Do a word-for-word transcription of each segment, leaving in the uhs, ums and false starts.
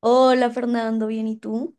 Hola Fernando, bien, ¿y tú?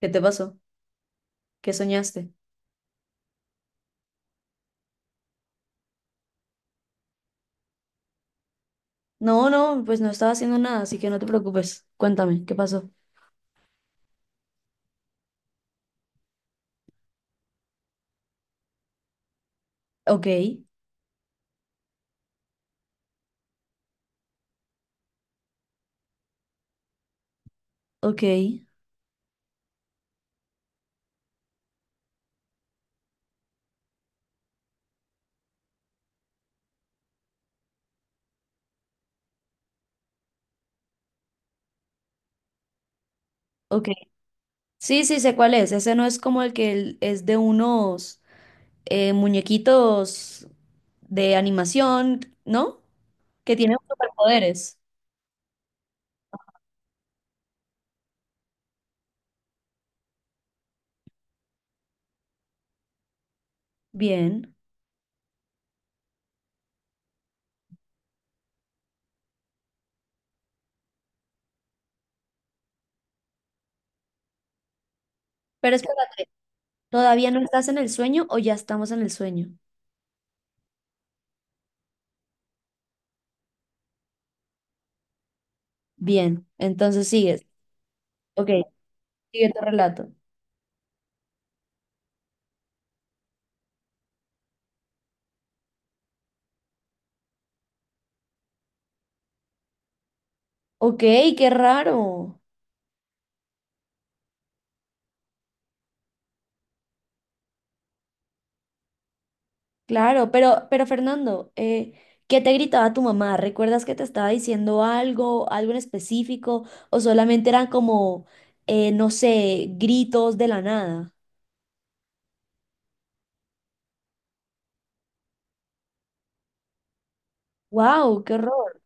¿Qué te pasó? ¿Qué soñaste? No, no, pues no estaba haciendo nada, así que no te preocupes. Cuéntame, ¿qué pasó? Ok, ok, ok. Sí, sí, sé cuál es. Ese no es como el que el- es de unos eh, muñequitos de animación, ¿no? Que tienen superpoderes. Bien. Pero espérate, ¿todavía no estás en el sueño o ya estamos en el sueño? Bien, entonces sigues. Ok, sigue tu relato. Ok, qué raro. Claro, pero, pero Fernando, eh, ¿qué te gritaba tu mamá? ¿Recuerdas que te estaba diciendo algo, algo en específico? ¿O solamente eran como, eh, no sé, gritos de la nada? ¡Wow! ¡Qué horror!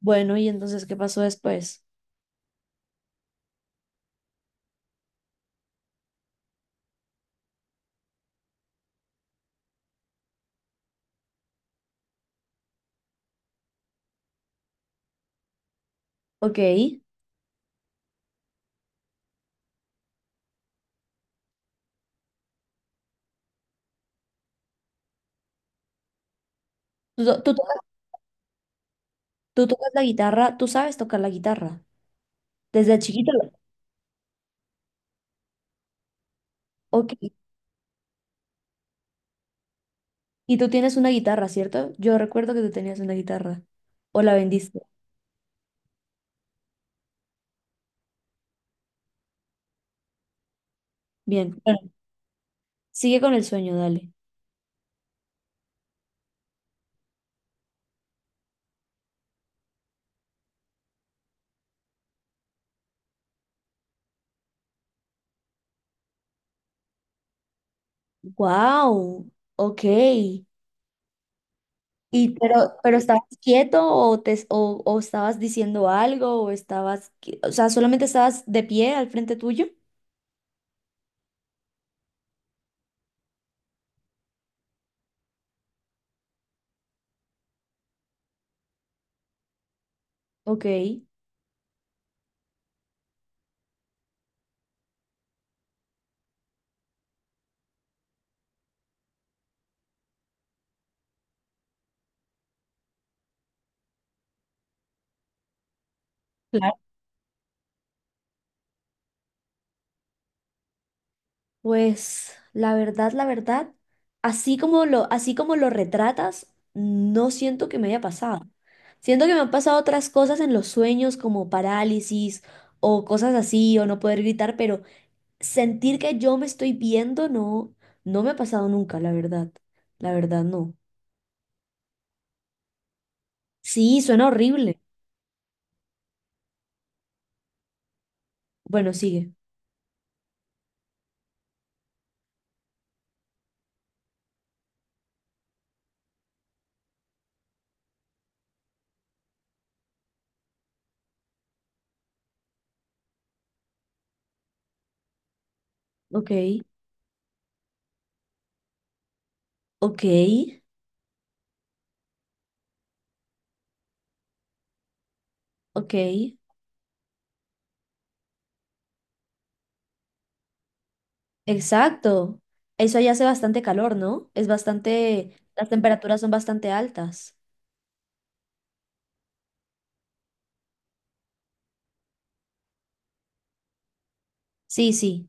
Bueno, ¿y entonces qué pasó después? Ok. ¿Tú, to- tú tocas, tú tocas la guitarra? ¿Tú sabes tocar la guitarra? Desde chiquito. Ok. Y tú tienes una guitarra, ¿cierto? Yo recuerdo que tú tenías una guitarra. ¿O la vendiste? Bien. Bueno, sigue con el sueño, dale. ¡Wow! Ok. Y pero, pero estabas quieto o te o, o estabas diciendo algo o estabas, qui- o sea, solamente estabas de pie al frente tuyo. Ok. Claro. Pues la verdad, la verdad, así como lo, así como lo retratas, no siento que me haya pasado. Siento que me han pasado otras cosas en los sueños como parálisis o cosas así o no poder gritar, pero sentir que yo me estoy viendo no, no me ha pasado nunca, la verdad. La verdad no. Sí, suena horrible. Bueno, sigue. Ok, ok, ok. Exacto. Eso allá hace bastante calor, ¿no? Es bastante, las temperaturas son bastante altas. Sí, sí.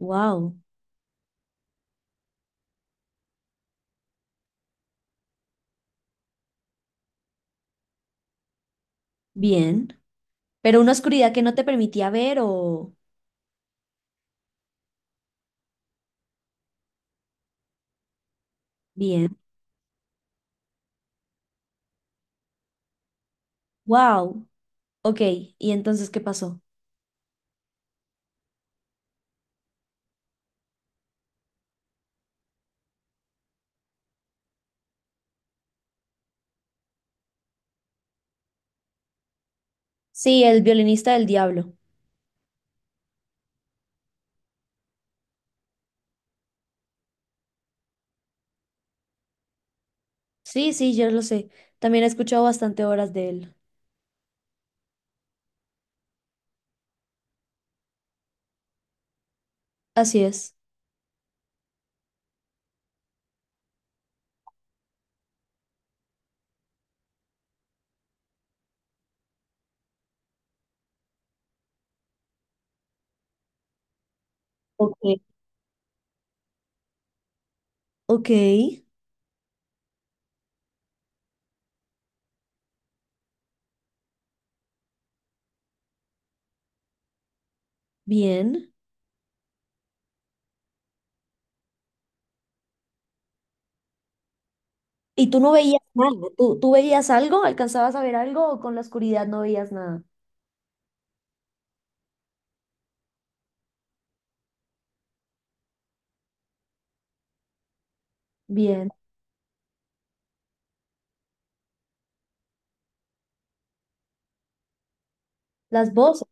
Wow. Bien. Pero una oscuridad que no te permitía ver o... Bien. Wow. Ok. ¿Y entonces qué pasó? Sí, el violinista del diablo. Sí, sí, yo lo sé. También he escuchado bastante horas de él. Así es. Ok. Ok. Bien. Y tú no veías nada, tú, tú veías algo, alcanzabas a ver algo o con la oscuridad no veías nada. Bien. Las voces,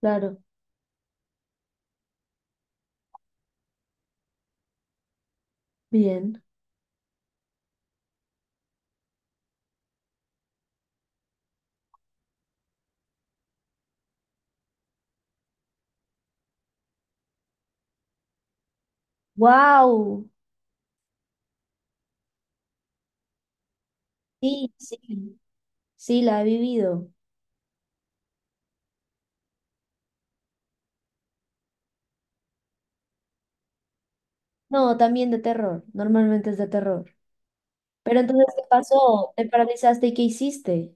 claro, bien. Wow. Sí, sí, sí, la he vivido. No, también de terror, normalmente es de terror. Pero entonces, ¿qué pasó? ¿Te paralizaste y qué hiciste?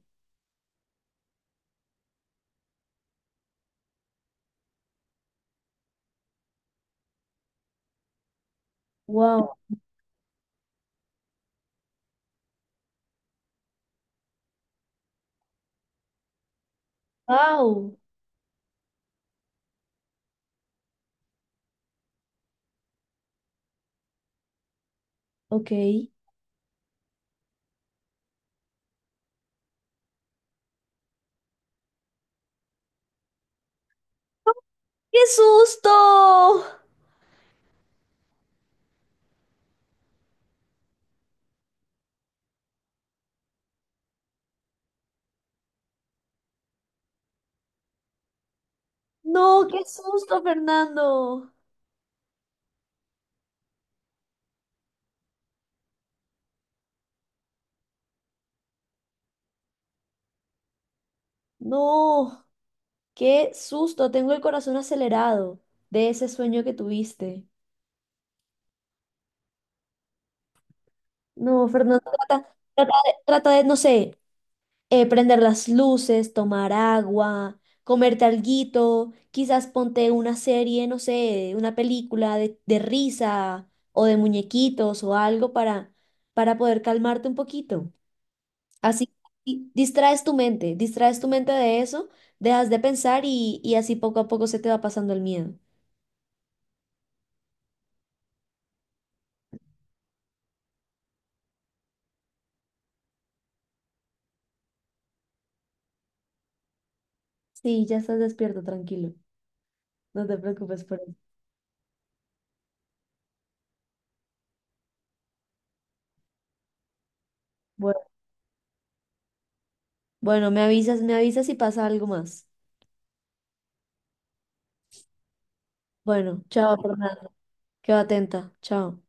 Wow, wow, ok. ¡Qué susto! No, qué susto, Fernando. No, qué susto, tengo el corazón acelerado de ese sueño que tuviste. No, Fernando, trata, trata de, trata de, no sé, eh, prender las luces, tomar agua, comerte alguito, quizás ponte una serie, no sé, una película de, de risa o de muñequitos o algo para, para poder calmarte un poquito. Así di- distraes tu mente, distraes tu mente de eso, dejas de pensar y, y así poco a poco se te va pasando el miedo. Sí, ya estás despierto, tranquilo. No te preocupes por eso. Bueno, bueno, me avisas, me avisas si pasa algo más. Bueno, chao, Fernando. Quedo atenta. Chao.